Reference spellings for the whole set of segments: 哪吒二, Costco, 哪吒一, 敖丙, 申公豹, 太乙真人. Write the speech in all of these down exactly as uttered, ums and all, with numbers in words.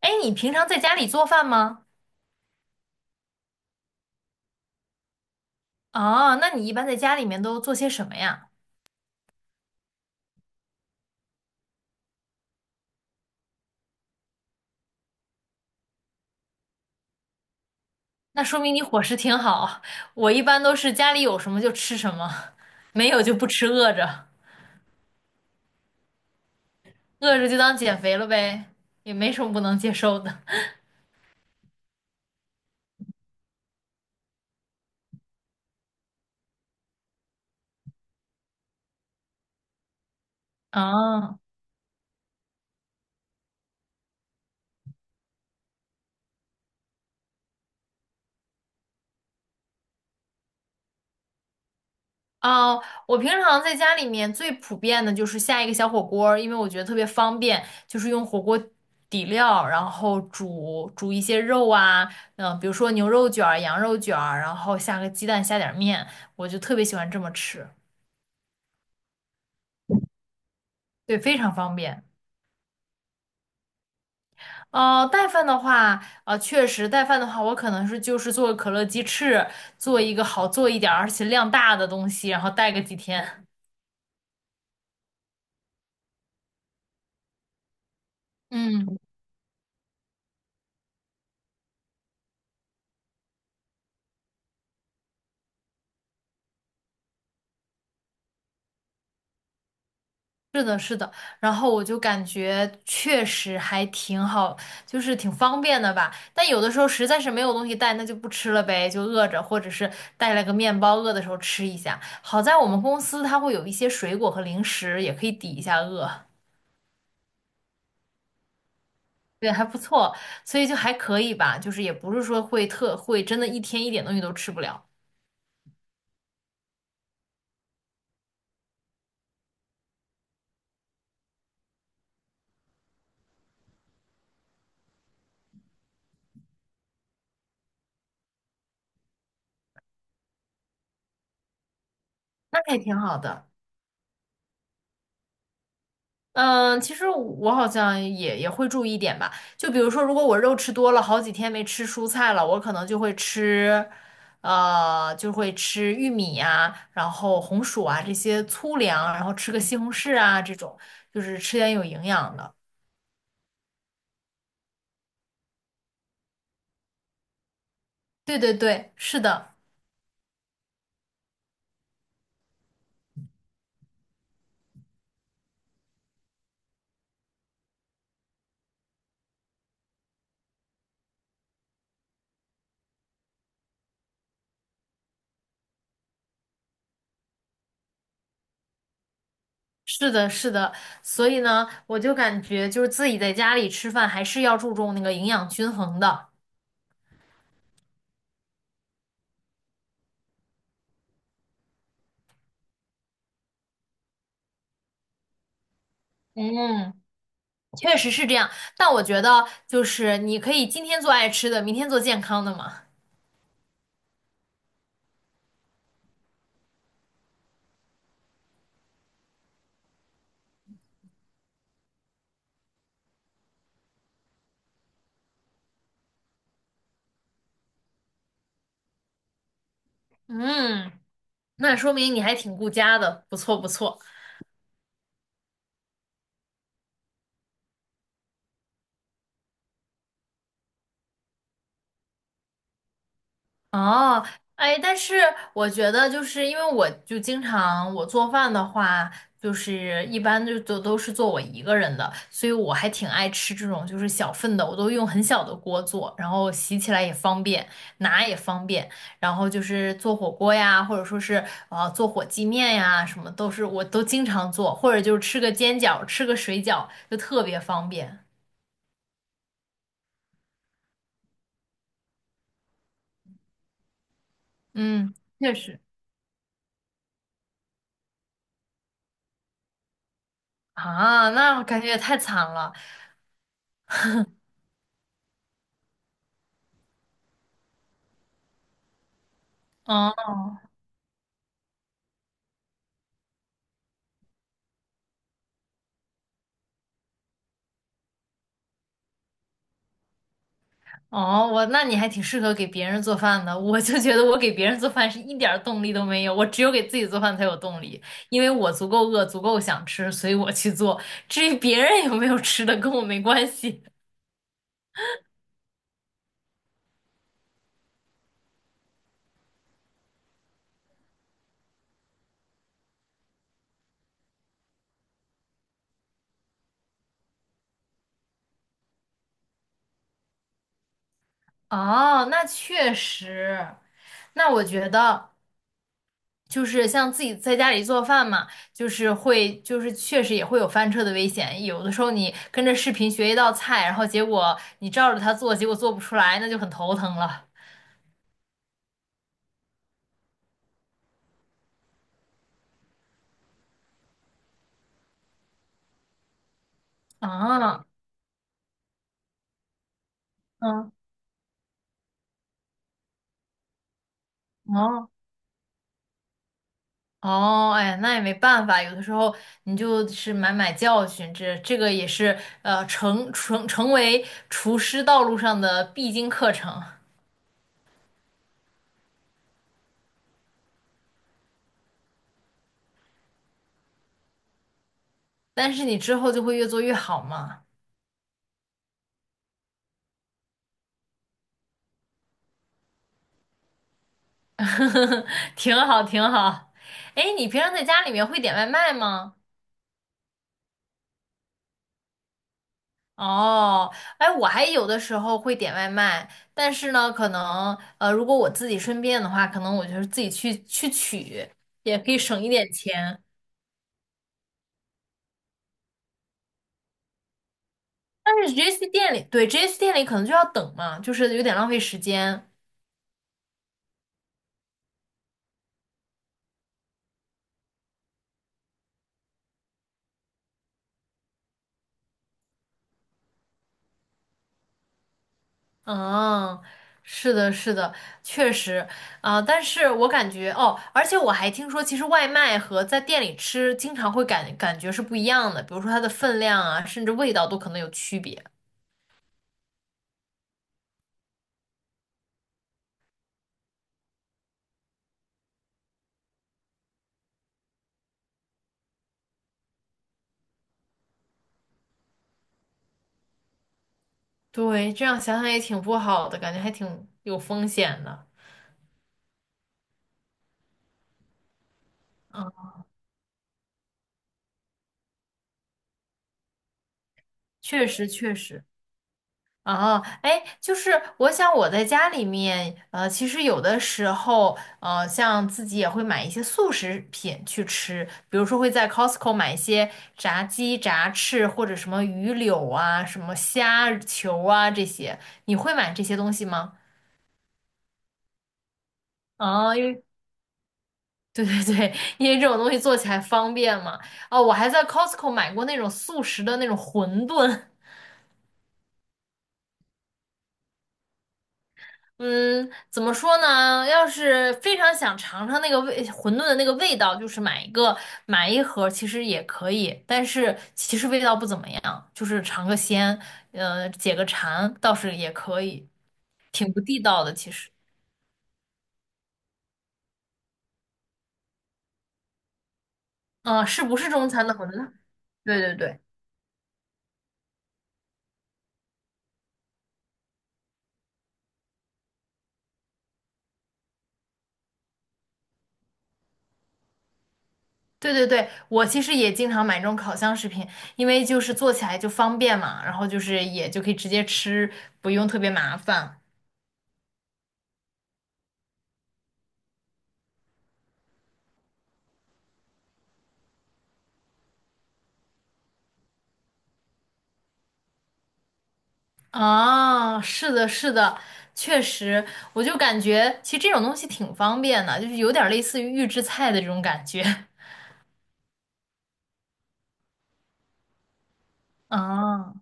哎，你平常在家里做饭吗？啊，那你一般在家里面都做些什么呀？那说明你伙食挺好。我一般都是家里有什么就吃什么，没有就不吃，饿着，饿着就当减肥了呗，也没什么不能接受的。哦，嗯，呃我平常在家里面最普遍的就是下一个小火锅儿，因为我觉得特别方便，就是用火锅底料，然后煮煮一些肉啊，嗯、比如说牛肉卷儿、羊肉卷儿，然后下个鸡蛋，下点儿面，我就特别喜欢这么吃，对，非常方便。哦，带饭的话，啊，确实带饭的话，我可能是就是做个可乐鸡翅，做一个好做一点儿，而且量大的东西，然后带个几天。嗯。是的，是的，然后我就感觉确实还挺好，就是挺方便的吧。但有的时候实在是没有东西带，那就不吃了呗，就饿着，或者是带了个面包，饿的时候吃一下。好在我们公司它会有一些水果和零食，也可以抵一下饿，对，还不错，所以就还可以吧，就是也不是说会特会真的一天一点东西都吃不了，那还挺好的。嗯，其实我好像也也会注意一点吧。就比如说，如果我肉吃多了，好几天没吃蔬菜了，我可能就会吃，呃，就会吃玉米啊，然后红薯啊这些粗粮，然后吃个西红柿啊这种，就是吃点有营养的。对对对，是的，是的，是的。所以呢，我就感觉就是自己在家里吃饭还是要注重那个营养均衡的。嗯。确实是这样，但我觉得就是你可以今天做爱吃的，明天做健康的嘛。嗯，那说明你还挺顾家的，不错不错。哦，哎，但是我觉得就是因为我就经常我做饭的话，就是一般就都都是做我一个人的，所以我还挺爱吃这种就是小份的，我都用很小的锅做，然后洗起来也方便，拿也方便，然后就是做火锅呀，或者说是啊做火鸡面呀，什么都是我都经常做，或者就是吃个煎饺，吃个水饺，就特别方便。嗯，确实。啊，那我感觉也太惨了。嗯。哦，我那你还挺适合给别人做饭的。我就觉得我给别人做饭是一点儿动力都没有，我只有给自己做饭才有动力，因为我足够饿，足够想吃，所以我去做。至于别人有没有吃的，跟我没关系。哦，那确实，那我觉得就是像自己在家里做饭嘛，就是会，就是确实也会有翻车的危险。有的时候你跟着视频学一道菜，然后结果你照着它做，结果做不出来，那就很头疼了。啊，嗯，哦。哦，哎，那也没办法，有的时候你就是买买教训，这这个也是呃成成成为厨师道路上的必经课程，但是你之后就会越做越好嘛。挺好挺好。哎，你平常在家里面会点外卖吗？哦，哎，我还有的时候会点外卖，但是呢，可能呃，如果我自己顺便的话，可能我就是自己去去取，也可以省一点钱。但是直接去店里，对直接去店里可能就要等嘛，就是有点浪费时间。嗯，是的，是的，确实。啊，但是我感觉哦，而且我还听说，其实外卖和在店里吃经常会感感觉是不一样的，比如说它的分量啊，甚至味道都可能有区别。对，这样想想也挺不好的，感觉还挺有风险的。嗯，确实，确实。啊，哎，就是我想我在家里面，呃，其实有的时候，呃，像自己也会买一些速食品去吃，比如说会在 Costco 买一些炸鸡、炸翅或者什么鱼柳啊、什么虾球啊这些，你会买这些东西吗？啊，因为 对对对，因为这种东西做起来方便嘛。哦，我还在 Costco 买过那种速食的那种馄饨。嗯，怎么说呢？要是非常想尝尝那个味，馄饨的那个味道，就是买一个买一盒，其实也可以，但是其实味道不怎么样，就是尝个鲜，呃，解个馋倒是也可以，挺不地道的其实。嗯、是不是中餐的馄饨？对对对对对对，我其实也经常买这种烤箱食品，因为就是做起来就方便嘛，然后就是也就可以直接吃，不用特别麻烦。啊，是的，是的，确实，我就感觉其实这种东西挺方便的，就是有点儿类似于预制菜的这种感觉。啊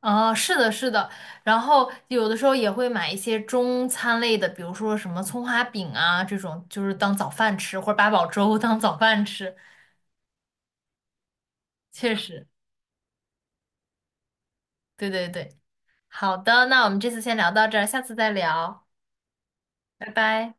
啊，是的，是的。然后有的时候也会买一些中餐类的，比如说什么葱花饼啊这种，就是当早饭吃，或者八宝粥 当早饭吃。确实，对对对。好的，那我们这次先聊到这儿，下次再聊，拜拜。